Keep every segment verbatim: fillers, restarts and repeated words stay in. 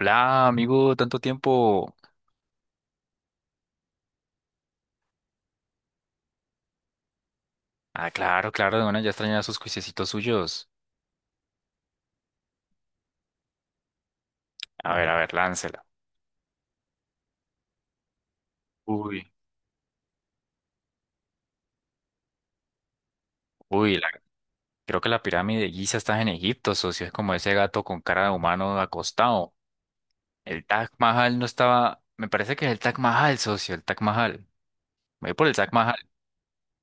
Hola, amigo, tanto tiempo. Ah, claro, claro, de una ya extrañaba sus juiciecitos suyos. A ver, a ver, láncela. Uy, uy, la- creo que la pirámide de Giza está en Egipto, socio. Es como ese gato con cara de humano acostado. El Taj Mahal no estaba. Me parece que es el Taj Mahal, socio, el Taj Mahal. Voy por el Taj Mahal.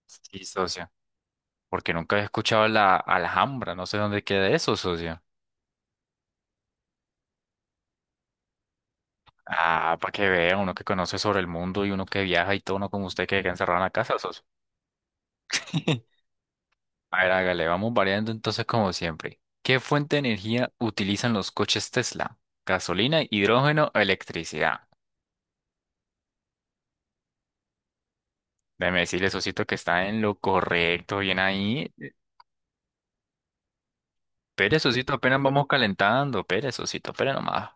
Sí, socio. Porque nunca había escuchado la Alhambra, no sé dónde queda eso, socio. Ah, para que vea, uno que conoce sobre el mundo y uno que viaja y todo, no como usted que queda encerrado en la casa, socio. A ver, hágale, vamos variando entonces como siempre. ¿Qué fuente de energía utilizan los coches Tesla? ¿Gasolina, hidrógeno o electricidad? Déjeme decirle, Sosito, que está en lo correcto, bien ahí. Pere, Sosito, apenas vamos calentando. Pere, Sosito, pere nomás.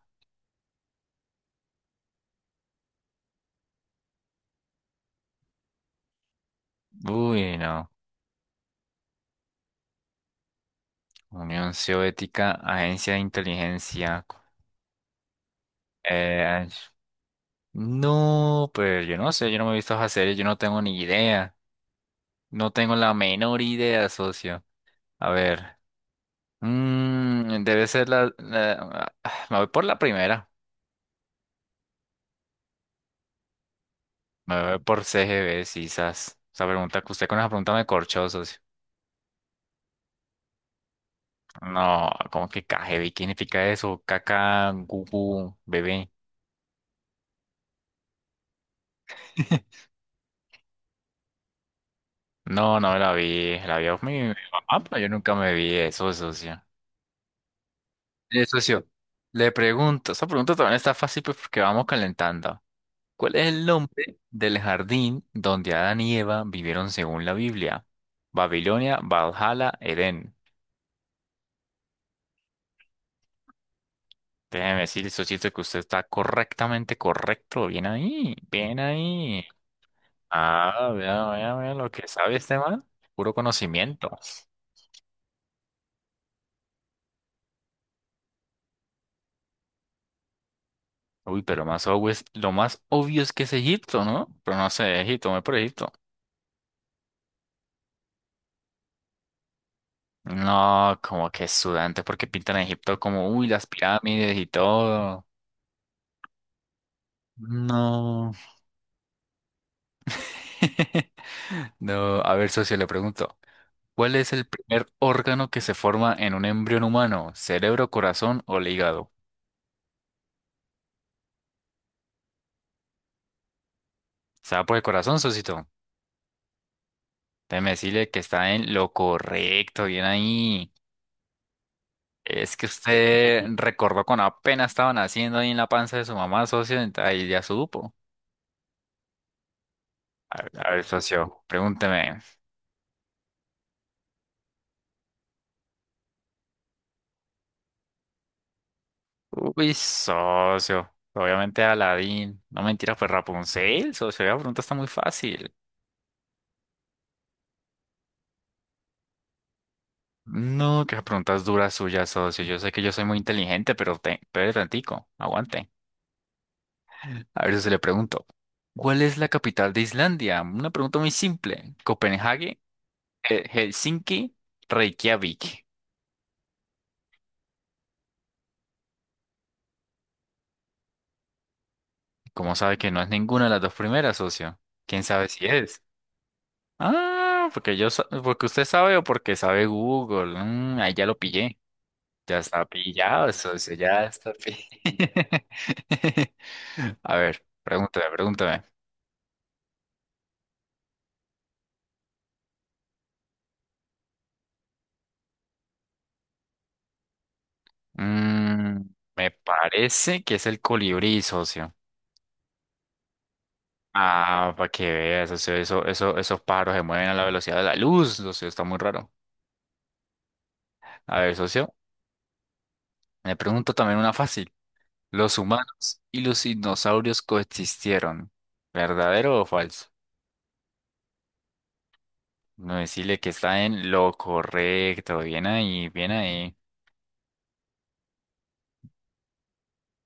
Uy, no. Unión Soviética, Agencia de Inteligencia. Eh, no, pues yo no sé, yo no me he visto esa serie, yo no tengo ni idea. No tengo la menor idea, socio. A ver. Mm, debe ser la, la- ah, me voy por la primera. Me voy por C G B, quizás. Esa pregunta que usted con esa pregunta me corchó, socio. No, ¿cómo que K G B? ¿Qué significa eso? Caca, gugu, bebé. No, no me la vi. La vi a mi, mi mamá, pero yo nunca me vi eso, socio. Eh, socio, le pregunto. Esa pregunta también está fácil pues, porque vamos calentando. ¿Cuál es el nombre del jardín donde Adán y Eva vivieron según la Biblia? Babilonia, Valhalla, Edén. Déjeme decir, socito, que usted está correctamente correcto. Bien ahí, bien ahí. Ah, vea, vea, vea lo que sabe este man. Puro conocimiento. Uy, pero más obvio es- lo más obvio es que es Egipto, ¿no? Pero no sé, Egipto, me voy por Egipto. No, como que es sudante, porque pintan a Egipto como, uy, las pirámides y todo. No. No, a ver, socio, le pregunto, ¿cuál es el primer órgano que se forma en un embrión humano? ¿Cerebro, corazón o el hígado? ¿Está por el corazón, socito? Déjeme decirle que está en lo correcto, bien ahí. Es que usted recordó cuando apenas estaba naciendo ahí en la panza de su mamá, socio, ent- ahí ya supo. A ver, a ver, socio, pregúnteme. Uy, socio, obviamente Aladín. No mentiras, pues Rapunzel, socio, la pregunta está muy fácil. No, qué preguntas duras suyas, socio. Yo sé que yo soy muy inteligente, pero te, pero tantico, aguante. A ver si le pregunto. ¿Cuál es la capital de Islandia? Una pregunta muy simple. ¿Copenhague, eh, Helsinki, Reykjavik? ¿Cómo sabe que no es ninguna de las dos primeras, socio? ¿Quién sabe si es? Ah, porque yo, sa- porque usted sabe o porque sabe Google. Mm, ahí ya lo pillé. Ya está pillado, socio, ya está pillado. A ver, pregúntame, pregúntame. Mm, Me parece que es el colibrí, socio. Ah, para que veas, socio, eso, eso, esos pájaros se mueven a la velocidad de la luz, socio, está muy raro. A ver, socio, me pregunto también una fácil. ¿Los humanos y los dinosaurios coexistieron? ¿Verdadero o falso? No decirle que está en lo correcto. Bien ahí, bien ahí.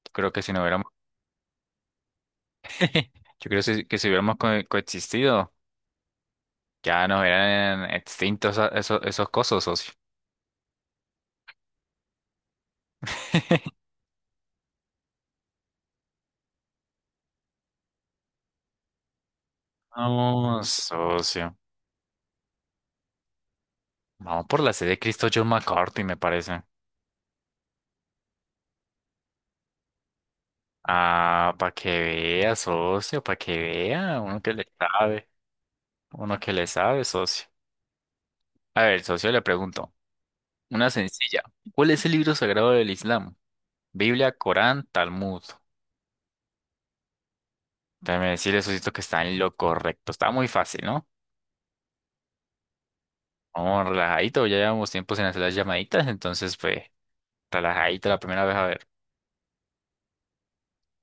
Yo creo que si no hubiéramos, yo creo que si, que si hubiéramos co- coexistido, ya nos hubieran extintos a- esos, esos cosos, socio. No, socio. Vamos por la sede de Cristo John McCarthy, me parece. Ah, para que vea, socio, para que vea. Uno que le sabe. Uno que le sabe, socio. A ver, socio, le pregunto. Una sencilla. ¿Cuál es el libro sagrado del Islam? Biblia, Corán, Talmud. Déjeme decirle, socio, que está en lo correcto. Está muy fácil, ¿no? Vamos relajadito. Ya llevamos tiempo sin hacer las llamaditas, entonces, pues, relajadito la primera vez. A ver.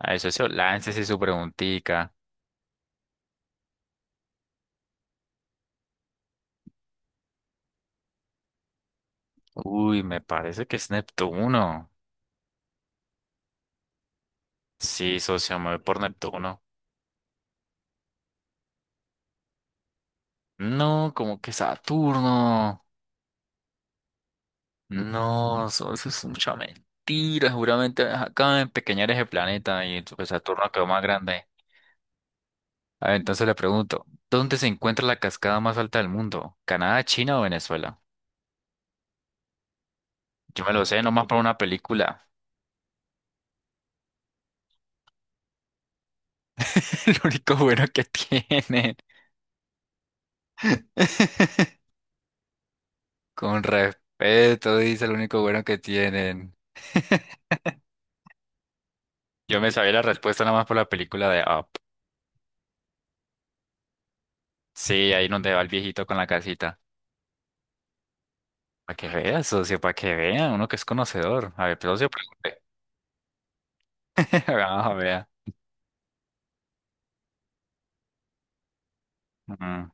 A ver, socio, láncese su preguntica. Uy, me parece que es Neptuno. Sí, socio, me voy por Neptuno. No, como que Saturno. No, socio, eso es mucha mentira. Seguramente acaban de empequeñar ese planeta y pues, Saturno quedó más grande. A ver, entonces le pregunto, ¿dónde se encuentra la cascada más alta del mundo? ¿Canadá, China o Venezuela? Yo me lo sé nomás por una película. Lo único bueno que tienen. Con respeto, dice lo único bueno que tienen. Yo me sabía la respuesta nada más por la película de Up. Sí, ahí donde va el viejito con la casita. Para que vea, socio, para que vea, uno que es conocedor. A ver, pero socio, pregunte. Vamos a ver. Mm,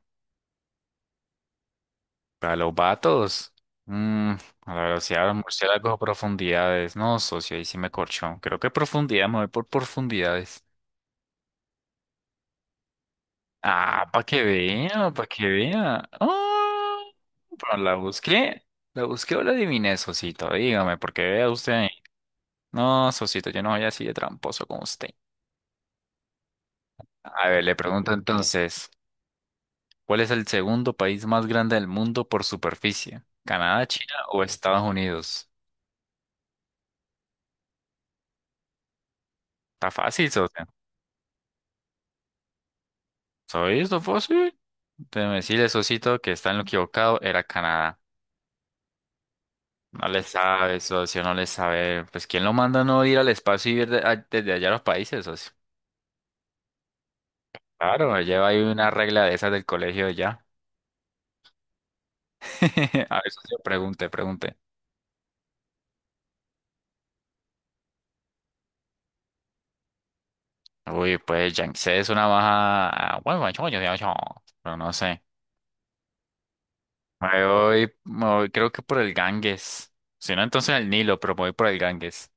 Para los vatos. Mm, a la velocidad del murciélago a profundidades. No, socio, ahí sí me corchó. Creo que profundidad, me voy por profundidades. Ah, para que vea, para que vea. Ah, pero la busqué. La busqué o la adiviné, socito. Dígame, porque vea usted. No, Sosito, yo no soy así de tramposo como usted. A ver, le pregunto entonces, ¿cuál es el segundo país más grande del mundo por superficie? ¿Canadá, China o Estados Unidos? Está fácil, socio. ¿Soy esto fácil? Déjeme decirle, Sosito, que está en lo equivocado, era Canadá. No le sabe, socio, no le sabe. Pues, ¿quién lo manda a no ir al espacio y ir de- a- desde allá a los países, socio? Claro, lleva ahí una regla de esas del colegio ya. A ver, socio, pregunte, pregunte. Uy, pues Yangtze es una baja. Bueno, bueno, yo- yo- yo- yo- pero no sé. Me voy, me voy- creo que por el Ganges. Si no, entonces el Nilo, pero me voy por el Ganges.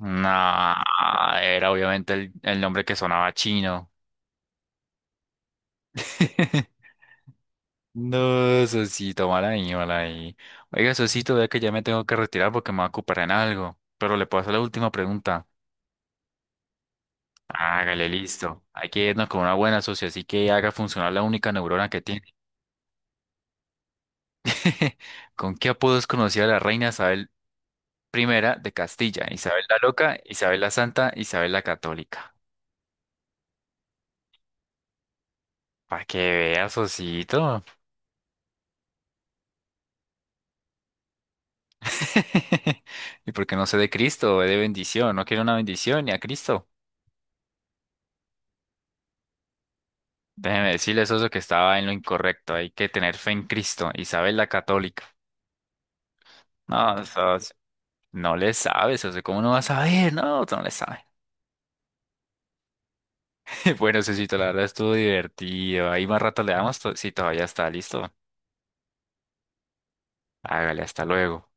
No, era obviamente el, el nombre que sonaba chino. No, Sosito, mal ahí, mal ahí. Oiga, Sosito, vea que ya me tengo que retirar porque me voy a ocupar en algo. Pero le puedo hacer la última pregunta. Hágale, listo. Hay que irnos con una buena socia, así que haga funcionar la única neurona que tiene. ¿Con qué apodos conocía a la reina Isabel primera de Castilla? Isabel la Loca, Isabel la Santa, Isabel la Católica. Para que veas, osito. Y porque no sé de Cristo, de bendición. No quiero una bendición ni a Cristo. Déjeme decirle, socio, que estaba en lo incorrecto. Hay que tener fe en Cristo. Isabel la Católica. No, socio, no le sabes, socio. ¿Cómo no vas a saber? No, tú no le sabes. Bueno, socito, la verdad estuvo divertido. Ahí más rato le damos to- si todavía está listo. Hágale, hasta luego.